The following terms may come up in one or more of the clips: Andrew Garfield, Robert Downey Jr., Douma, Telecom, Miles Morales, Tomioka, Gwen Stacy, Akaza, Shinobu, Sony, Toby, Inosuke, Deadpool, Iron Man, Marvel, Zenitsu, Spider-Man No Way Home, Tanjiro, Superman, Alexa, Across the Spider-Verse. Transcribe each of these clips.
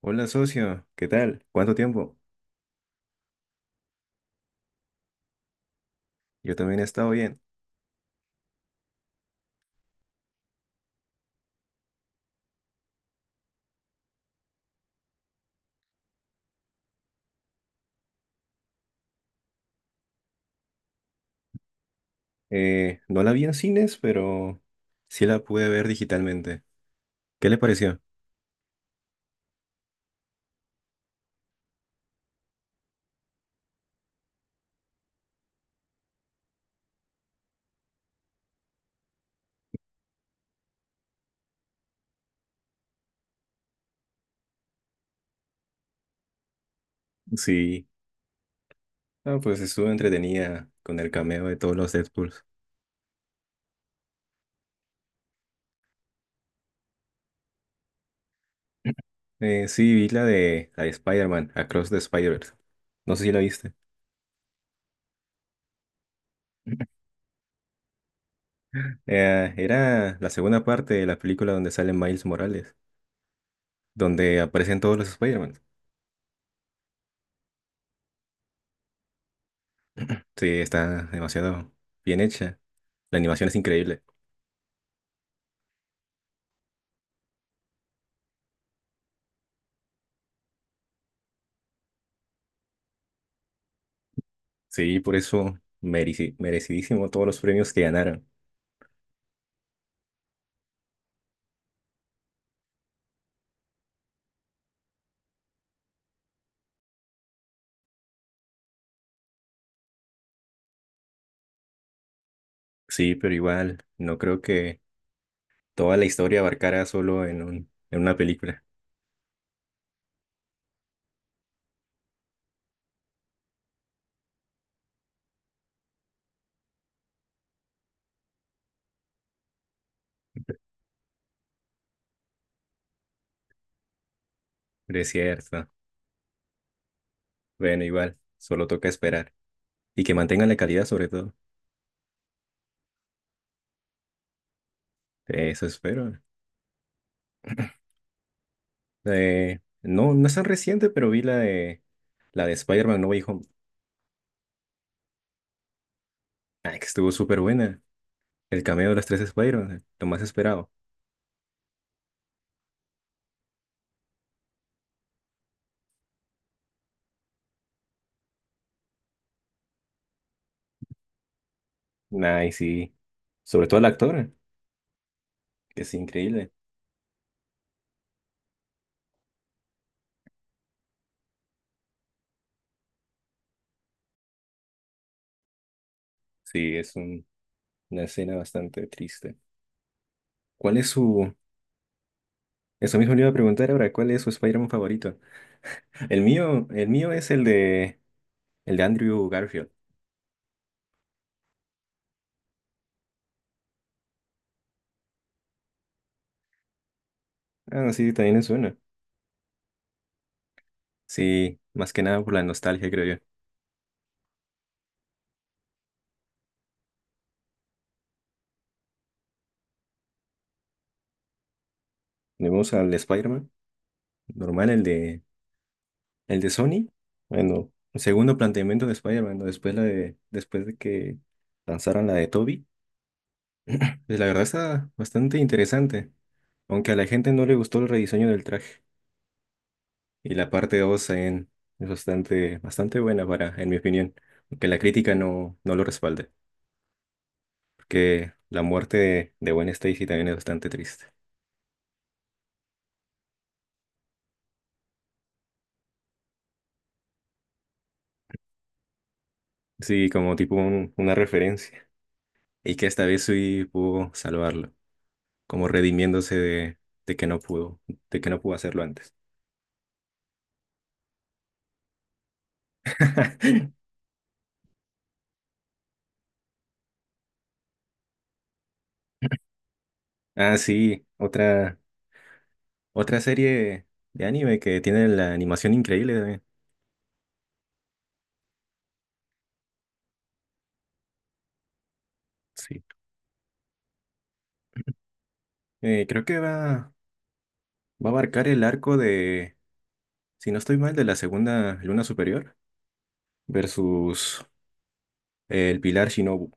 Hola socio, ¿qué tal? ¿Cuánto tiempo? Yo también he estado bien. No la vi en cines, pero sí la pude ver digitalmente. ¿Qué le pareció? Sí. Ah, pues estuvo entretenida con el cameo de todos los Deadpools. Sí, vi la de Spider-Man, Across the Spider-Verse. No sé si la viste. Era la segunda parte de la película donde sale Miles Morales, donde aparecen todos los Spider-Man. Sí, está demasiado bien hecha. La animación es increíble. Sí, por eso merecidísimo todos los premios que ganaron. Sí, pero igual, no creo que toda la historia abarcara solo en una película. Pero es cierto. Bueno, igual, solo toca esperar. Y que mantengan la calidad sobre todo. Eso espero. No, no es tan reciente, pero vi la de Spider-Man No Way Home. Ay, que estuvo súper buena. El cameo de los tres Spider-Man, lo más esperado. Ay, sí. Sobre todo el actor, que es increíble. Sí, es un- una escena bastante triste. ¿Cuál es su... Eso mismo le iba a preguntar ahora, ¿cuál es su Spider-Man favorito? El mío es el de Andrew Garfield. Ah, sí, también es bueno. Sí, más que nada por la nostalgia, creo yo. Tenemos al Spider-Man, normal, el de Sony. Bueno, el segundo planteamiento de Spider-Man, ¿no? Después la de, después de que lanzaron la de Toby. Pues la verdad está bastante interesante, aunque a la gente no le gustó el rediseño del traje. Y la parte 2 también es bastante buena para, en mi opinión, aunque la crítica no lo respalde, porque la muerte de Gwen Stacy también es bastante triste. Sí, como una referencia, y que esta vez sí pudo salvarlo, como redimiéndose de que no pudo, de que no pudo hacerlo antes. Ah, sí, otra serie de anime que tiene la animación increíble también. Sí. Creo que va a abarcar el arco de, si no estoy mal, de la segunda luna superior versus el pilar Shinobu.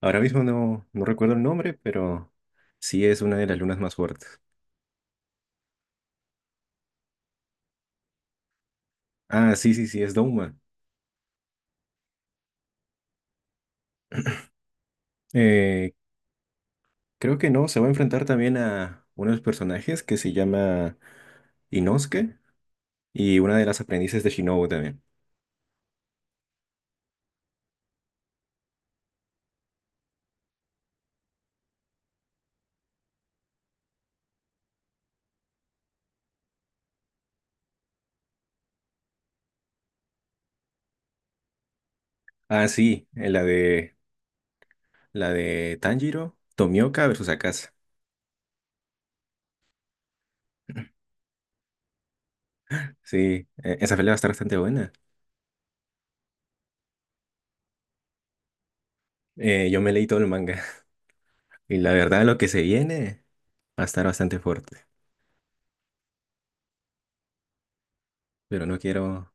Ahora mismo no recuerdo el nombre, pero sí es una de las lunas más fuertes. Ah, sí, sí, sí, es Douma. Eh, Creo que no, se va a enfrentar también a uno de los personajes que se llama Inosuke y una de las aprendices de Shinobu también. Ah, sí, la de Tanjiro, Tomioka versus Akaza. Sí, esa pelea va a estar bastante buena. Yo me leí todo el manga. Y la verdad, lo que se viene va a estar bastante fuerte. Pero no quiero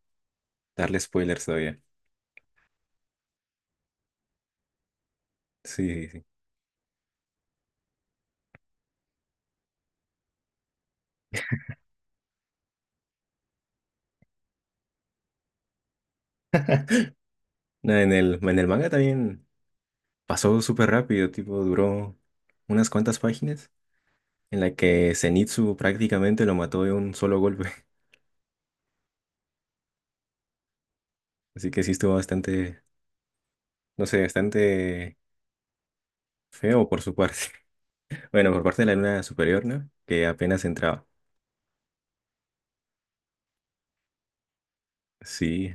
darle spoilers todavía. Sí, sí, sí. No, en el manga también pasó súper rápido, tipo, duró unas cuantas páginas en la que Zenitsu prácticamente lo mató de un solo golpe. Así que sí estuvo bastante, no sé, bastante feo por su parte. Bueno, por parte de la luna superior, ¿no? Que apenas entraba. Sí.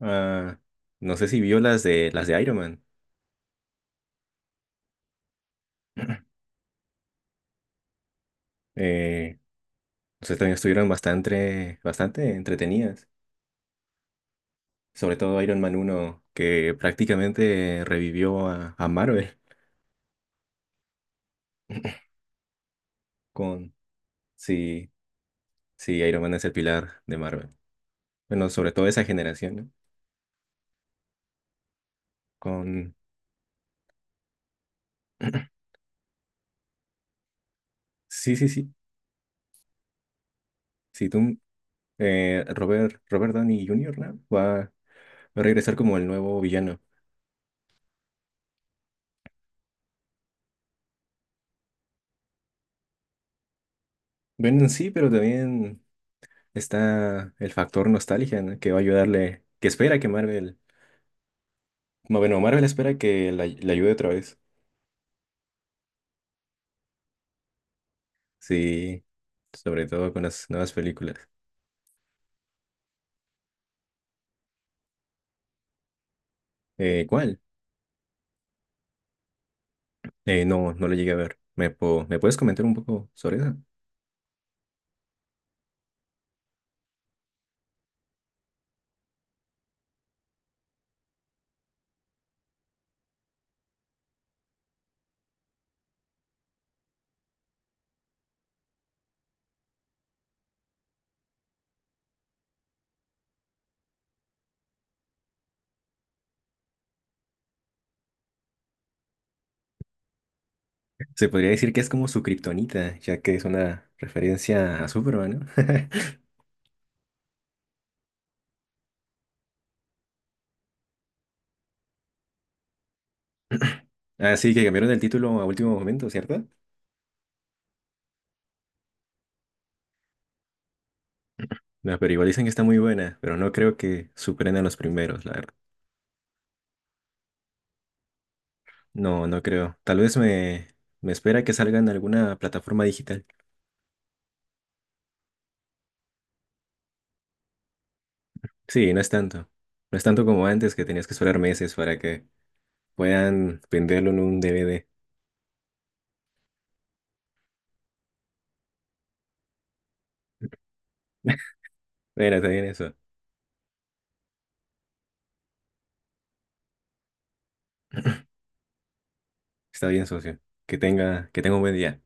Ah, no sé si vio las de Iron Man. Eh, Entonces también estuvieron bastante entretenidas. Sobre todo Iron Man uno que prácticamente revivió a Marvel. Con, sí, sí, Iron Man es el pilar de Marvel. Bueno, sobre todo esa generación, ¿no? Con, sí, sí, sí. Sí, Robert Downey Jr., ¿no? Va a regresar como el nuevo villano. Bueno, sí, pero también está el factor nostalgia, ¿no? Que va a ayudarle, que espera que Marvel, no, bueno, Marvel espera que le ayude otra vez. Sí, sobre todo con las nuevas películas. ¿Cuál? No, no la llegué a ver. ¿Me puedes comentar un poco sobre eso? Se podría decir que es como su kriptonita, ya que es una referencia a Superman, ¿no? Así que cambiaron el título a último momento, ¿cierto? No, pero igual dicen que está muy buena, pero no creo que superen a los primeros, la verdad. No, no creo. Me espera que salga en alguna plataforma digital. Sí, no es tanto. No es tanto como antes que tenías que esperar meses para que puedan venderlo en un DVD. Mira, está bien eso. Está bien, socio. Que tenga un buen día.